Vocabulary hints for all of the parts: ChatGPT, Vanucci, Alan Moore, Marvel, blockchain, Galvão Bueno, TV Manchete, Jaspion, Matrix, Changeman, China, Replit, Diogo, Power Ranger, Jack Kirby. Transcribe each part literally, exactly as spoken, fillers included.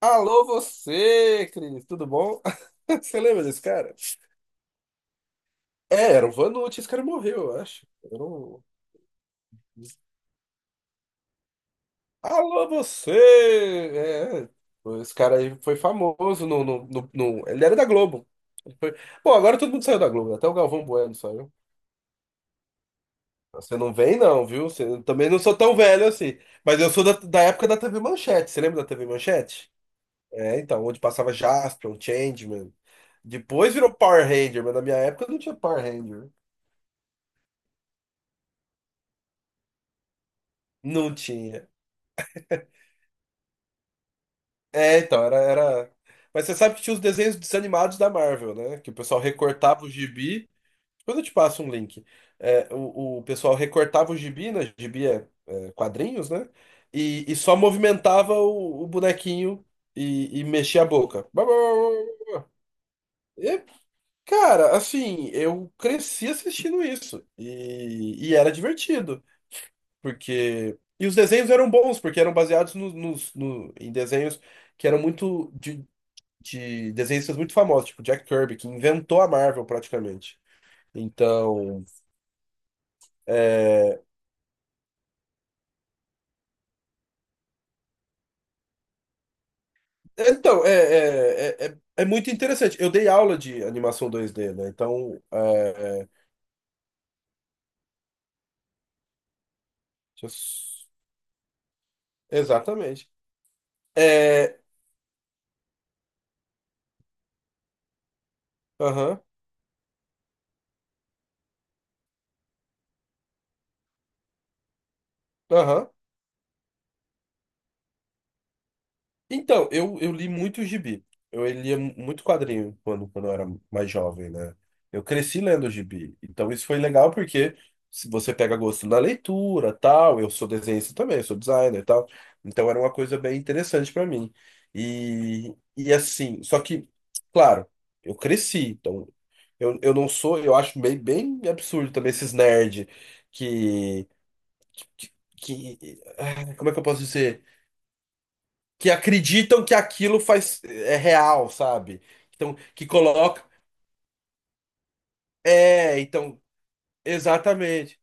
Alô, você, Cris, tudo bom? Você lembra desse cara? É, era o Vanucci, esse cara morreu, eu acho. Era o- Alô, você! É, esse cara aí foi famoso no, no, no- no- ele era da Globo. Ele foi- Bom, agora todo mundo saiu da Globo, né? Até o Galvão Bueno saiu. Você não vem, não, viu? Você... eu também não sou tão velho assim. Mas eu sou da, da época da T V Manchete. Você lembra da T V Manchete? É, então, onde passava Jaspion, Changeman. Depois virou Power Ranger, mas na minha época não tinha Power Ranger. Não tinha. É, então, era, era. Mas você sabe que tinha os desenhos desanimados da Marvel, né? Que o pessoal recortava o gibi. Depois eu te passo um link. É, o, o pessoal recortava o gibi, né? Gibi é, é, quadrinhos, né? E, e só movimentava o, o bonequinho e, e mexia a boca. E, cara, assim, eu cresci assistindo isso. E, e era divertido. Porque. E os desenhos eram bons, porque eram baseados no, nos- no- em desenhos que eram muito. de, de desenhistas muito famosos, tipo Jack Kirby, que inventou a Marvel praticamente. Então, é, então é, é, é, é- é muito interessante. Eu dei aula de animação dois D, né? Então, é, é, deixa eu s- exatamente. É, aham, aham. Então, eu, eu li muito gibi. Eu lia muito quadrinho quando, quando eu era mais jovem, né? Eu cresci lendo gibi. Então, isso foi legal porque se você pega gosto na leitura, tal, eu sou desenhista também, sou designer e tal. Então, era uma coisa bem interessante para mim. E, e assim, só que, claro, eu cresci. Então, eu, eu não sou, eu acho bem, bem absurdo também esses nerd que, que, que- ah, como é que eu posso dizer? Que acreditam que aquilo faz é real, sabe? Então, que coloca. É, então, exatamente.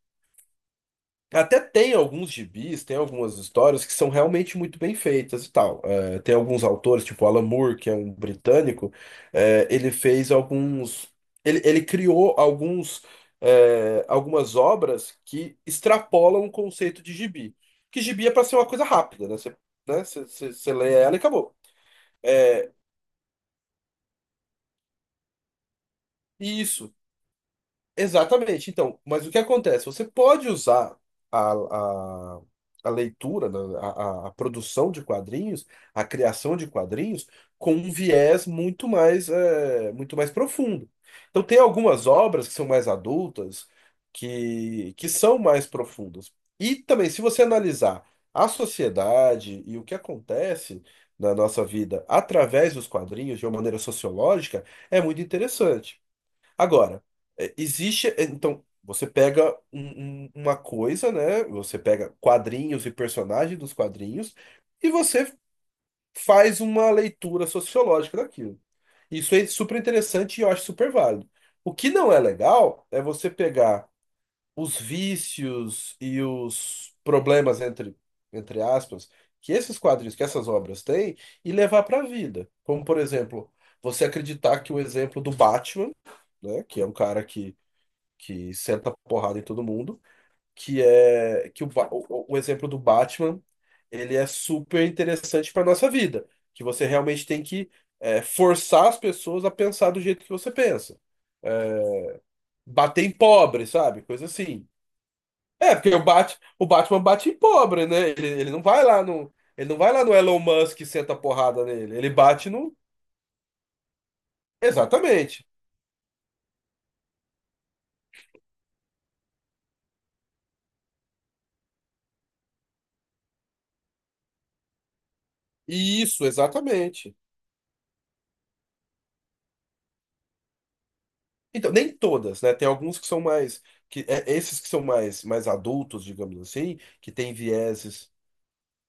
Até tem alguns gibis, tem algumas histórias que são realmente muito bem feitas e tal. É, tem alguns autores, tipo Alan Moore, que é um britânico, é, ele fez alguns. Ele, ele criou alguns, é, algumas obras que extrapolam o conceito de gibi. Que gibi é para ser uma coisa rápida, né? Você, né? Você, você, você lê ela e acabou. Isso. Exatamente. Então, mas o que acontece? Você pode usar a, a, a leitura, né, a, a- a produção de quadrinhos, a criação de quadrinhos, com um viés muito mais, é, muito mais profundo. Então, tem algumas obras que são mais adultas, que, que são mais profundas. E também, se você analisar a sociedade e o que acontece na nossa vida através dos quadrinhos, de uma maneira sociológica, é muito interessante. Agora, é, existe. é, então, você pega um- um- uma coisa, né? Você pega quadrinhos e personagens dos quadrinhos e você faz uma leitura sociológica daquilo. Isso é super interessante e eu acho super válido. O que não é legal é você pegar os vícios e os problemas entre, entre aspas, que esses quadrinhos, que essas obras têm, e levar para a vida. Como, por exemplo, você acreditar que o exemplo do Batman, né, que é um cara que, que senta porrada em todo mundo, que é que o, Ba- o, o exemplo do Batman, ele é super interessante para nossa vida, que você realmente tem que é, forçar as pessoas a pensar do jeito que você pensa. Bater em pobre, sabe? Coisa assim. É, porque o Bat, o Batman bate em pobre, né? Ele, ele não vai lá no, ele não vai lá no Elon Musk e senta a porrada nele. Ele bate no, exatamente. Isso, exatamente. Então, nem todas, né? Tem alguns que são mais que é, esses que são mais mais adultos, digamos assim, que têm vieses.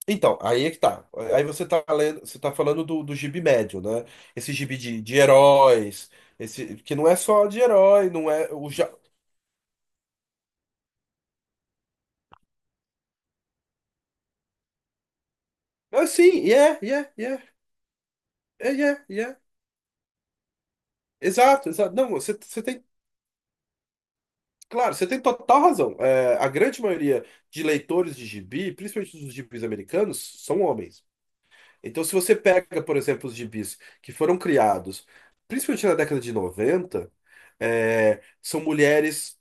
Então, aí é que tá. Aí você tá lendo, você tá falando do, do gibi médio, né? Esse gibi de, de heróis, esse que não é só de herói, não é o já. Ah, sim, yeah, yeah, yeah, yeah, yeah, yeah. Exato, exato. Não, você, você tem, claro, você tem total razão. É, a grande maioria de leitores de gibi, principalmente dos gibis americanos, são homens. Então, se você pega, por exemplo, os gibis que foram criados, principalmente na década de noventa é, são mulheres.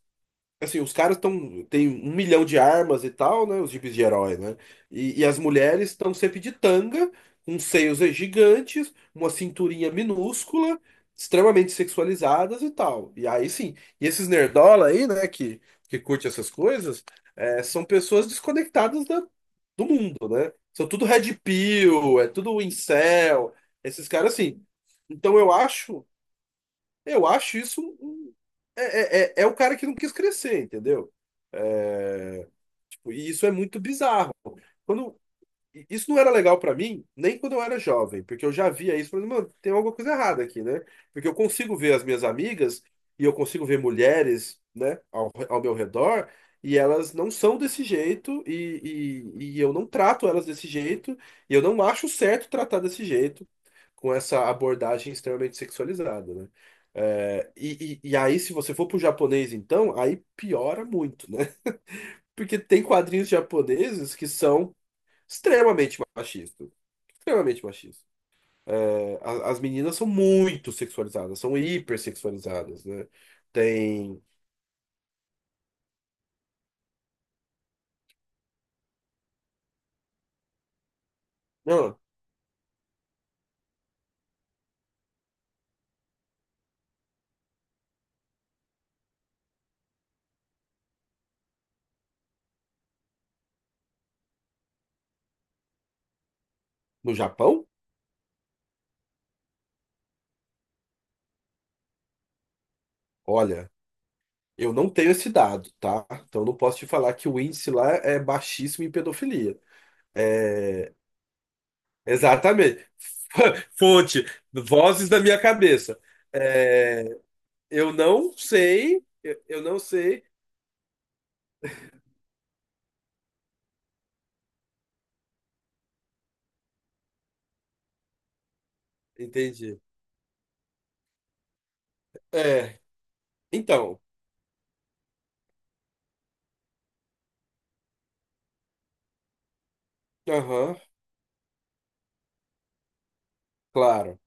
Assim, os caras estão tem um milhão de armas e tal, né? Os jipes de herói, né? E, e as mulheres estão sempre de tanga, com seios gigantes, uma cinturinha minúscula, extremamente sexualizadas e tal. E aí sim, e esses nerdola aí, né, que, que curte essas coisas, é, são pessoas desconectadas da, do mundo, né? São tudo red pill, é tudo incel, esses caras assim. Então eu acho, eu acho isso um- é, é, é é o cara que não quis crescer, entendeu? E isso é muito bizarro. Quando isso não era legal pra mim, nem quando eu era jovem, porque eu já via isso, falando, mano, tem alguma coisa errada aqui, né? Porque eu consigo ver as minhas amigas e eu consigo ver mulheres, né, ao, ao meu redor, e elas não são desse jeito e, e, e eu não trato elas desse jeito e eu não acho certo tratar desse jeito com essa abordagem extremamente sexualizada, né? É, e, e, e aí, se você for pro japonês, então, aí piora muito, né? Porque tem quadrinhos japoneses que são extremamente machistas. Extremamente machistas. É, a- as meninas são muito sexualizadas, são hipersexualizadas, né? Tem. Não, no Japão, olha, eu não tenho esse dado, tá? Então eu não posso te falar que o índice lá é baixíssimo em pedofilia. É, exatamente. Fonte, vozes da minha cabeça. É, eu não sei, eu eu não sei. Entendi. É, então. Aham, claro.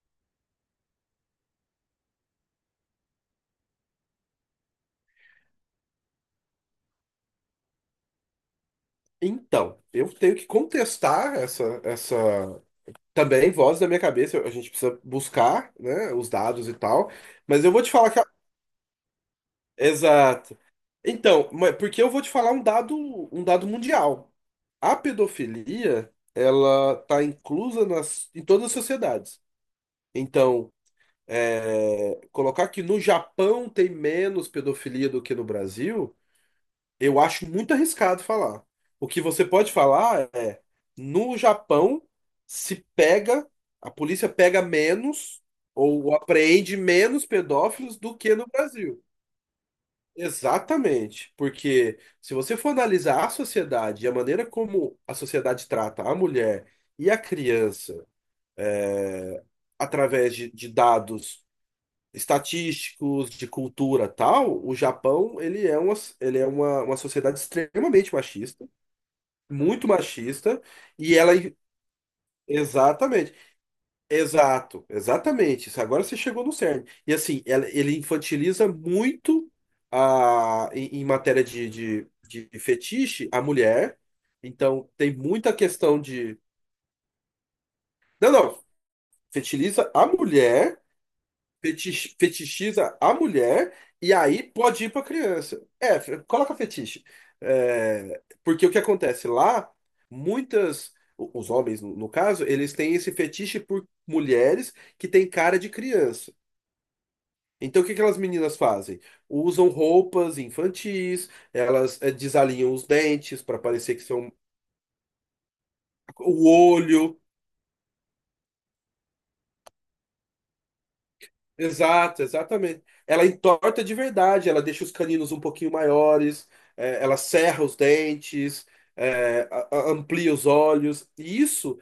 Então, eu tenho que contestar essa, essa também voz da minha cabeça. A gente precisa buscar, né, os dados e tal. Mas eu vou te falar que. A- Exato. Então, mas- porque eu vou te falar um dado, um dado mundial. A pedofilia, ela tá inclusa nas, em todas as sociedades. Então, é, colocar que no Japão tem menos pedofilia do que no Brasil. Eu acho muito arriscado falar. O que você pode falar é, no Japão se pega, a polícia pega menos ou apreende menos pedófilos do que no Brasil. Exatamente, porque se você for analisar a sociedade e a maneira como a sociedade trata a mulher e a criança através de, de dados estatísticos, de cultura tal, o Japão ele é uma, ele é uma, uma sociedade extremamente machista muito machista e ela exatamente, exato, exatamente. Isso, agora você chegou no cerne. E assim, ela- ele infantiliza muito a em, em matéria de, de, de fetiche a mulher. Então tem muita questão de. Não, não, fetiliza a mulher fetich- fetichiza a mulher e aí pode ir para criança. É, fe- coloca fetiche. É, porque o que acontece lá, muitas, o- os homens no, no caso, eles têm esse fetiche por mulheres que têm cara de criança. Então, o que aquelas meninas fazem? Usam roupas infantis, elas é, desalinham os dentes para parecer que são o olho. Exato, exatamente. Ela entorta de verdade, ela deixa os caninos um pouquinho maiores, é, ela serra os dentes, é, a- a- amplia os olhos. E isso,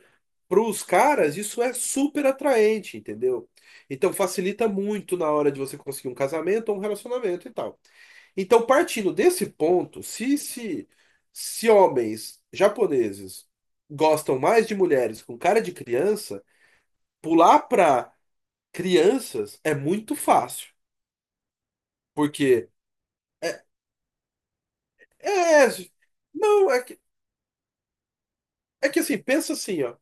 para os caras, isso é super atraente, entendeu? Então facilita muito na hora de você conseguir um casamento ou um relacionamento e tal. Então, partindo desse ponto, se, se, se homens japoneses gostam mais de mulheres com cara de criança, pular para crianças é muito fácil. Porque é, é, não, é que, é que assim, pensa assim, ó.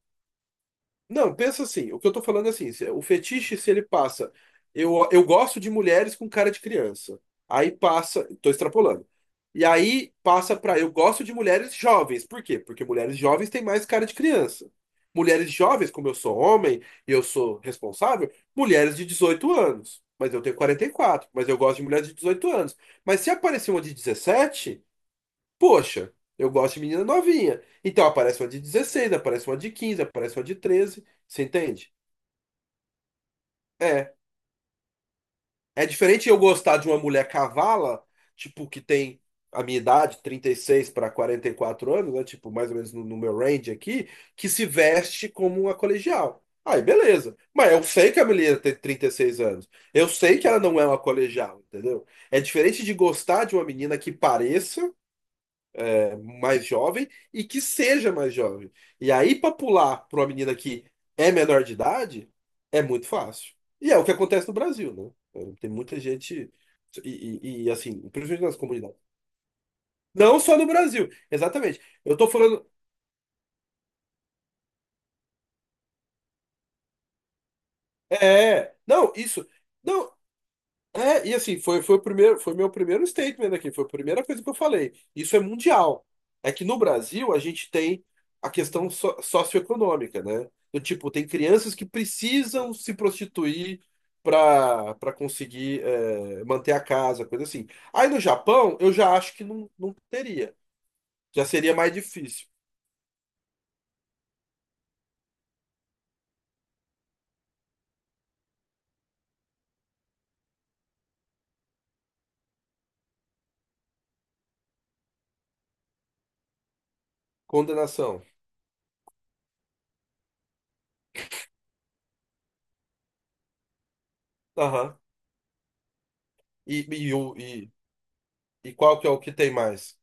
Não, pensa assim, o que eu tô falando é assim, se- o fetiche, se ele passa, eu, eu gosto de mulheres com cara de criança. Aí passa, tô extrapolando. E aí passa pra eu gosto de mulheres jovens. Por quê? Porque mulheres jovens têm mais cara de criança. Mulheres jovens, como eu sou homem e eu sou responsável, mulheres de dezoito anos. Mas eu tenho quarenta e quatro mas eu gosto de mulheres de dezoito anos. Mas se aparecer uma de dezessete. Poxa, eu gosto de menina novinha. Então aparece uma de dezesseis, aparece uma de quinze, aparece uma de treze. Você entende? É. É diferente eu gostar de uma mulher cavala, tipo, que tem a minha idade, trinta e seis para quarenta e quatro anos, né? Tipo, mais ou menos no, no meu range aqui, que se veste como uma colegial. Aí, beleza. Mas eu sei que a mulher tem trinta e seis anos. Eu sei que ela não é uma colegial, entendeu? É diferente de gostar de uma menina que pareça. Mais jovem e que seja mais jovem. E aí, para pular para uma menina que é menor de idade, é muito fácil. E é o que acontece no Brasil, né? Então, tem muita gente. E, e- e, assim, principalmente nas comunidades. Não só no Brasil, exatamente. Eu tô falando. É, não, isso. Não, é, e assim, foi, foi o primeiro, foi meu primeiro statement aqui, foi a primeira coisa que eu falei. Isso é mundial. É que no Brasil a gente tem a questão so- socioeconômica, né? Do tipo, tem crianças que precisam se prostituir para para conseguir é, manter a casa, coisa assim. Aí no Japão, eu já acho que não, não teria. Já seria mais difícil. Condenação. Aham. E, e, o- e, e qual que é o que tem mais?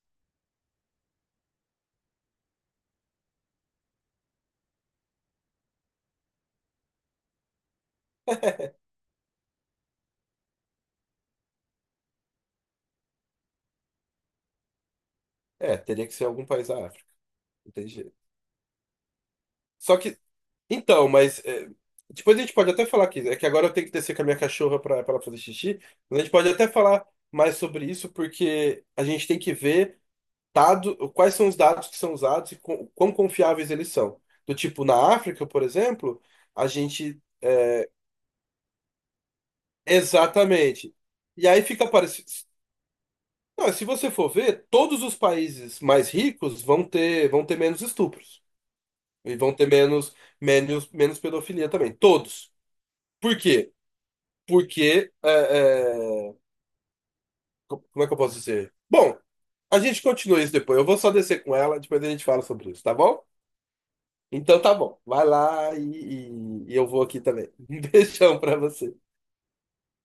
É, teria que ser algum país da África. Não tem jeito. Só que, Então, mas é, depois a gente pode até falar aqui. É que agora eu tenho que descer com a minha cachorra para ela fazer xixi. Mas a gente pode até falar mais sobre isso, porque a gente tem que ver dado, quais são os dados que são usados e com, quão confiáveis eles são. Do tipo, na África, por exemplo, a gente. é, exatamente. E aí fica parecido. Não, se você for ver, todos os países mais ricos vão ter, vão ter menos estupros. E vão ter menos, menos, menos pedofilia também. Todos. Por quê? Porque, é, é, como é que eu posso dizer? Bom, a gente continua isso depois. Eu vou só descer com ela, depois a gente fala sobre isso, tá bom? Então tá bom. Vai lá e, e e eu vou aqui também. Um beijão pra você.